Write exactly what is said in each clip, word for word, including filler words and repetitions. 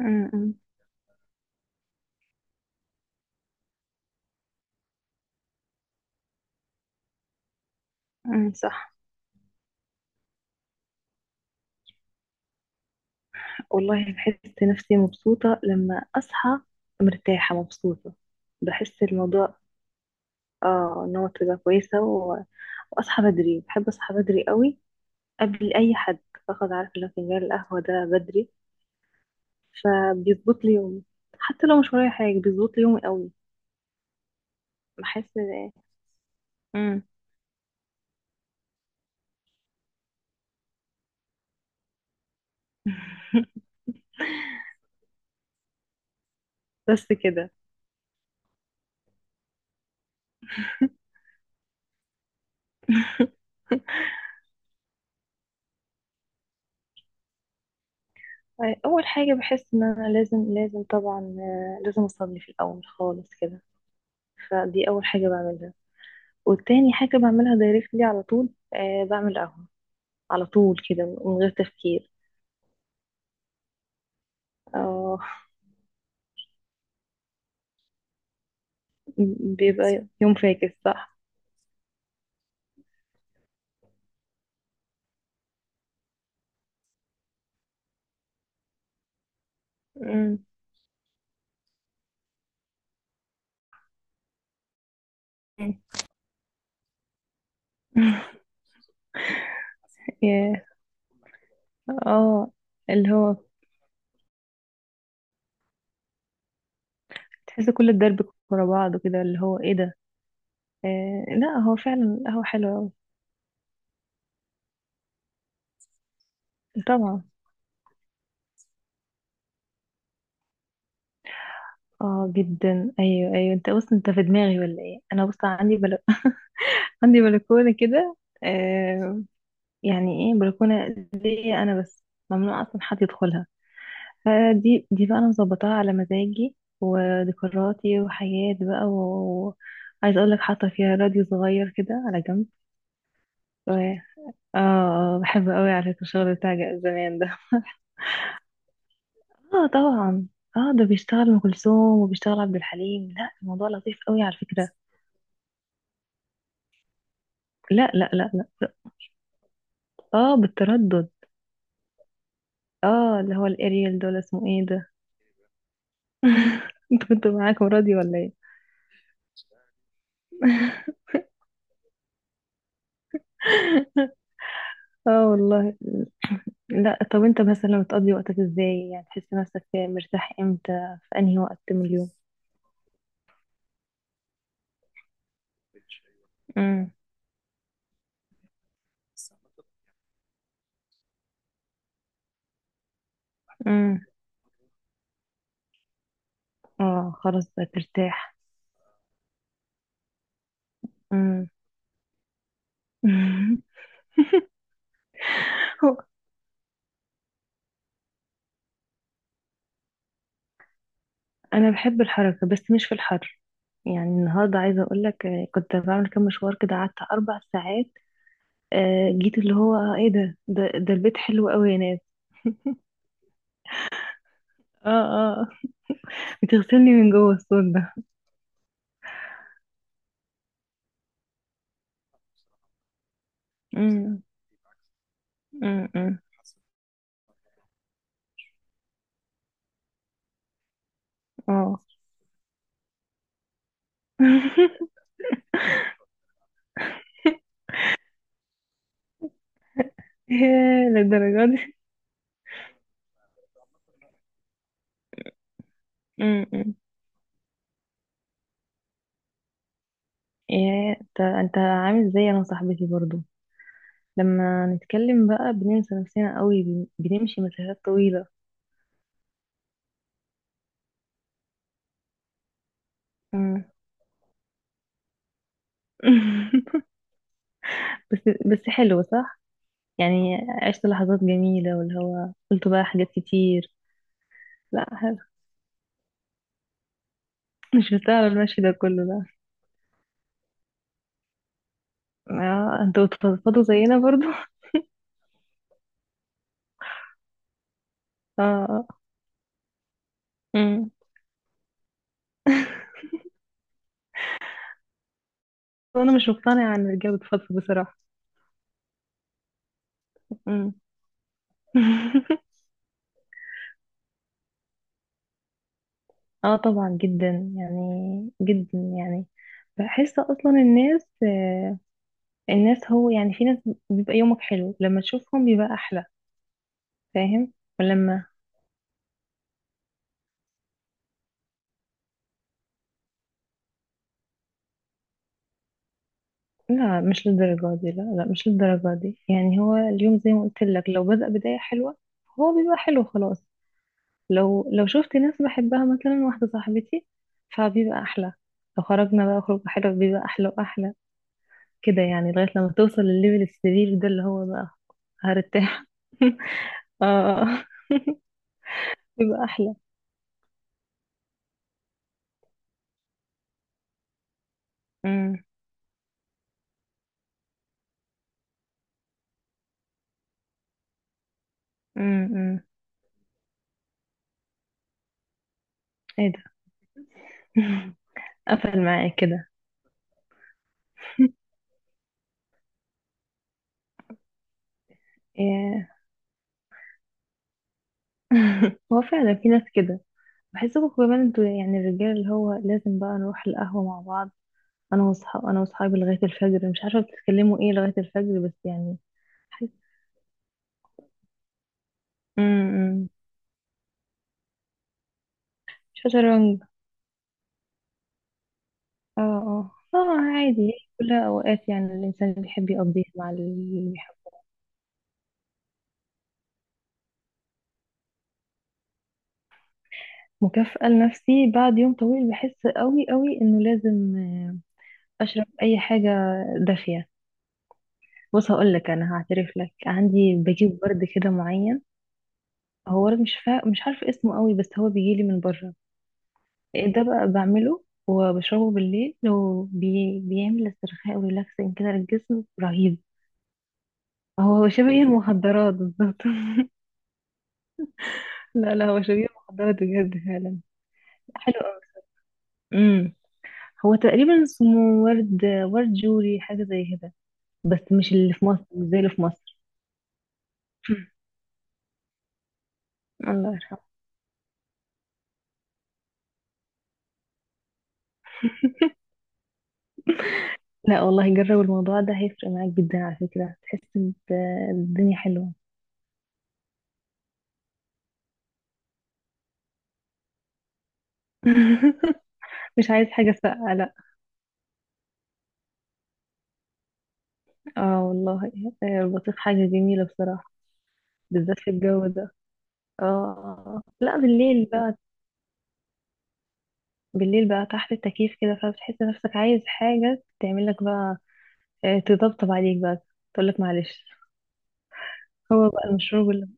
أمم، أمم، صح. والله بحس نفسي مبسوطة لما أصحى، مرتاحة مبسوطة. بحس الموضوع اه ان هو تبقى كويسة و... وأصحى بدري، بحب أصحى بدري قوي قبل أي حد. باخد عارف لو فنجان القهوة ده بدري فبيظبط لي يومي، حتى لو مش ورايا حاجة بيظبط لي يومي قوي بحس. امم بس كده. أول حاجة بحس إن أنا لازم، لازم طبعا آه، لازم أصلي في الأول خالص كده. فدي أول حاجة بعملها، والتاني حاجة بعملها دايركتلي على طول، آه بعمل قهوة على طول كده من غير تفكير. اه بيبقى يوم فاكس، صح. مم. مم. ياه. اه اللي هو تحس كل الدرب ورا بعض، كده اللي هو ايه ده. آه لا، هو فعلا القهوة حلوة أوي. طبعا. اه جدا، ايوه ايوه، انت بص، انت في دماغي ولا ايه؟ انا بص، عندي بل... عندي بلكونة كده. آه، يعني ايه، بلكونة ليا انا بس، ممنوع اصلا حد يدخلها. فدي دي بقى انا مظبطاها على مزاجي وذكرياتي وحياتي بقى، وعايز اقول لك حاطه فيها راديو صغير كده على جنب و... اه بحب قوي على فكره الشغل بتاع ج- زمان ده. اه طبعا. اه ده بيشتغل ام كلثوم وبيشتغل عبد الحليم، لا الموضوع لطيف قوي على فكره. لا لا لا لا اه بالتردد. اه اللي هو الاريال، دول اسمه ايه ده. انت كنت معاكم راديو ولا ايه؟ اه والله. لا، طب انت مثلا بتقضي وقتك ازاي؟ يعني تحس نفسك مرتاح امتى، في انهي وقت من اليوم؟ امم امم اه خلاص بقى ترتاح. امم هو انا بحب الحركه بس مش في الحر. يعني النهارده عايزه اقول لك، كنت بعمل كام مشوار كده، قعدت اربع ساعات. آه، جيت اللي هو، آه، ايه ده ده, ده البيت حلو قوي يا ناس. اه اه بتغسلني من جوه الصوت ده. امم امم أمم. اه ياه، للدرجه دي؟ امم ايه، انت انت عامل زي انا وصاحبتي برضو. لما نتكلم بقى بننسى نفسنا قوي، بن- بنمشي مسافات طويلة. مم. بس بس حلو صح. يعني عشت لحظات جميلة واللي هو قلت بقى حاجات كتير. لا حلو. مش مستاهل المشي ده كله ده. اه انتوا بتفضفضوا زينا برضو. اه آه. مم. وانا مش مقتنعة ان الرجالة بتفضفض بصراحة. مم. اه طبعا جدا، يعني جدا يعني. بحس اصلا الناس، آه، الناس هو يعني في ناس بيبقى يومك حلو لما تشوفهم، بيبقى احلى. فاهم. ولما لا، مش للدرجة دي، لا لا مش للدرجة دي. يعني هو اليوم زي ما قلت لك، لو بدأ بداية حلوة هو بيبقى حلو خلاص. لو لو شفت ناس بحبها، مثلا واحدة صاحبتي، فبيبقى احلى. لو خرجنا بقى خروج حلو، بيبقى احلى واحلى. كده يعني لغاية لما توصل للليفل السرير ده، اللي هو بقى هرتاح. اه يبقى احلى. امم امم ايه ده. قفل معايا كده. إيه، هو فعلا في ناس كده. بحسكم كمان انتوا يعني الرجال اللي هو لازم بقى نروح القهوة مع بعض. انا واصحاب انا واصحابي لغاية الفجر، مش عارفة بتتكلموا ايه لغاية الفجر، بس يعني. حس. امم شطرنج. اه اه اه عادي، كلها اوقات يعني الانسان بيحب يقضيها مع اللي بيحبه. مكافأة لنفسي بعد يوم طويل، بحس قوي قوي انه لازم اشرب اي حاجه دافيه. بص هقول لك، انا هعترف لك، عندي بجيب ورد كده معين. هو ورد مش فا... مش عارفه اسمه قوي، بس هو بيجي لي من بره. إيه ده بقى، بعمله وبشربه بالليل، لو بي... بيعمل استرخاء وريلاكسنج كده للجسم، رهيب. هو شبيه المخدرات بالظبط. لا لا هو شبيه المخدرات بجد فعلا. حلو قوي. امم هو تقريبا اسمه ورد، ورد جوري، حاجه زي كده، بس مش اللي في مصر، مش زي اللي في مصر. الله يرحمه. لا والله، جرب الموضوع ده هيفرق معاك جدا على فكرة، تحس بالدنيا حلوة. مش عايز حاجة ساقعة، لا. اه والله. آه، البطيخ حاجة جميلة بصراحة. بالذات في الجو ده. اه آه، آه. لا بالليل بقى، بالليل بقى تحت التكييف كده، فبتحس نفسك عايز حاجة تعمل لك بقى، آه، تطبطب عليك بقى، تقول لك معلش. هو بقى المشروب اللي،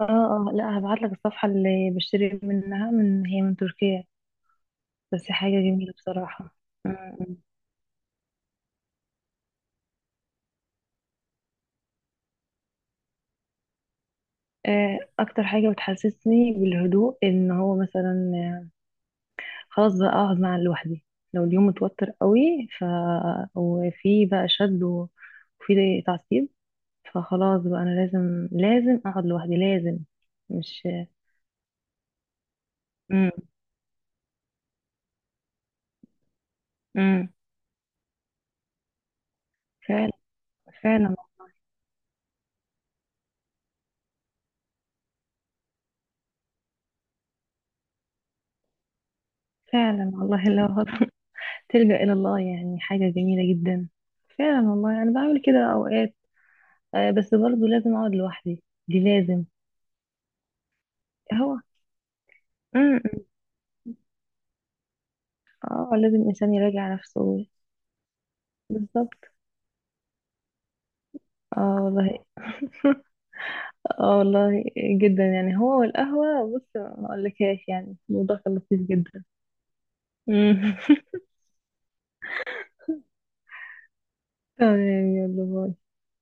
اه اه لا هبعت لك الصفحة اللي بشتري منها، من هي من تركيا. بس حاجة جميلة بصراحة. آه، اكتر حاجه بتحسسني بالهدوء ان هو مثلا، آه، خلاص بقى اقعد مع لوحدي، لو اليوم متوتر قوي، ف وفي بقى شد و- وفي تعصيب، فخلاص بقى انا لازم، لازم اقعد لوحدي، لازم. مش. امم امم فعلا، فعلا. فعلا والله لو تلجأ الى الله، يعني حاجه جميله جدا. فعلا والله، يعني بعمل كده اوقات. آه، بس برضه لازم اقعد لوحدي، دي لازم. هو. امم اه لازم الانسان يراجع نفسه. بالظبط. اه والله. اه والله جدا، يعني هو والقهوة، بص ما اقولكهاش، يعني الموضوع كان لطيف جدا. مم. تمام، يلا باي.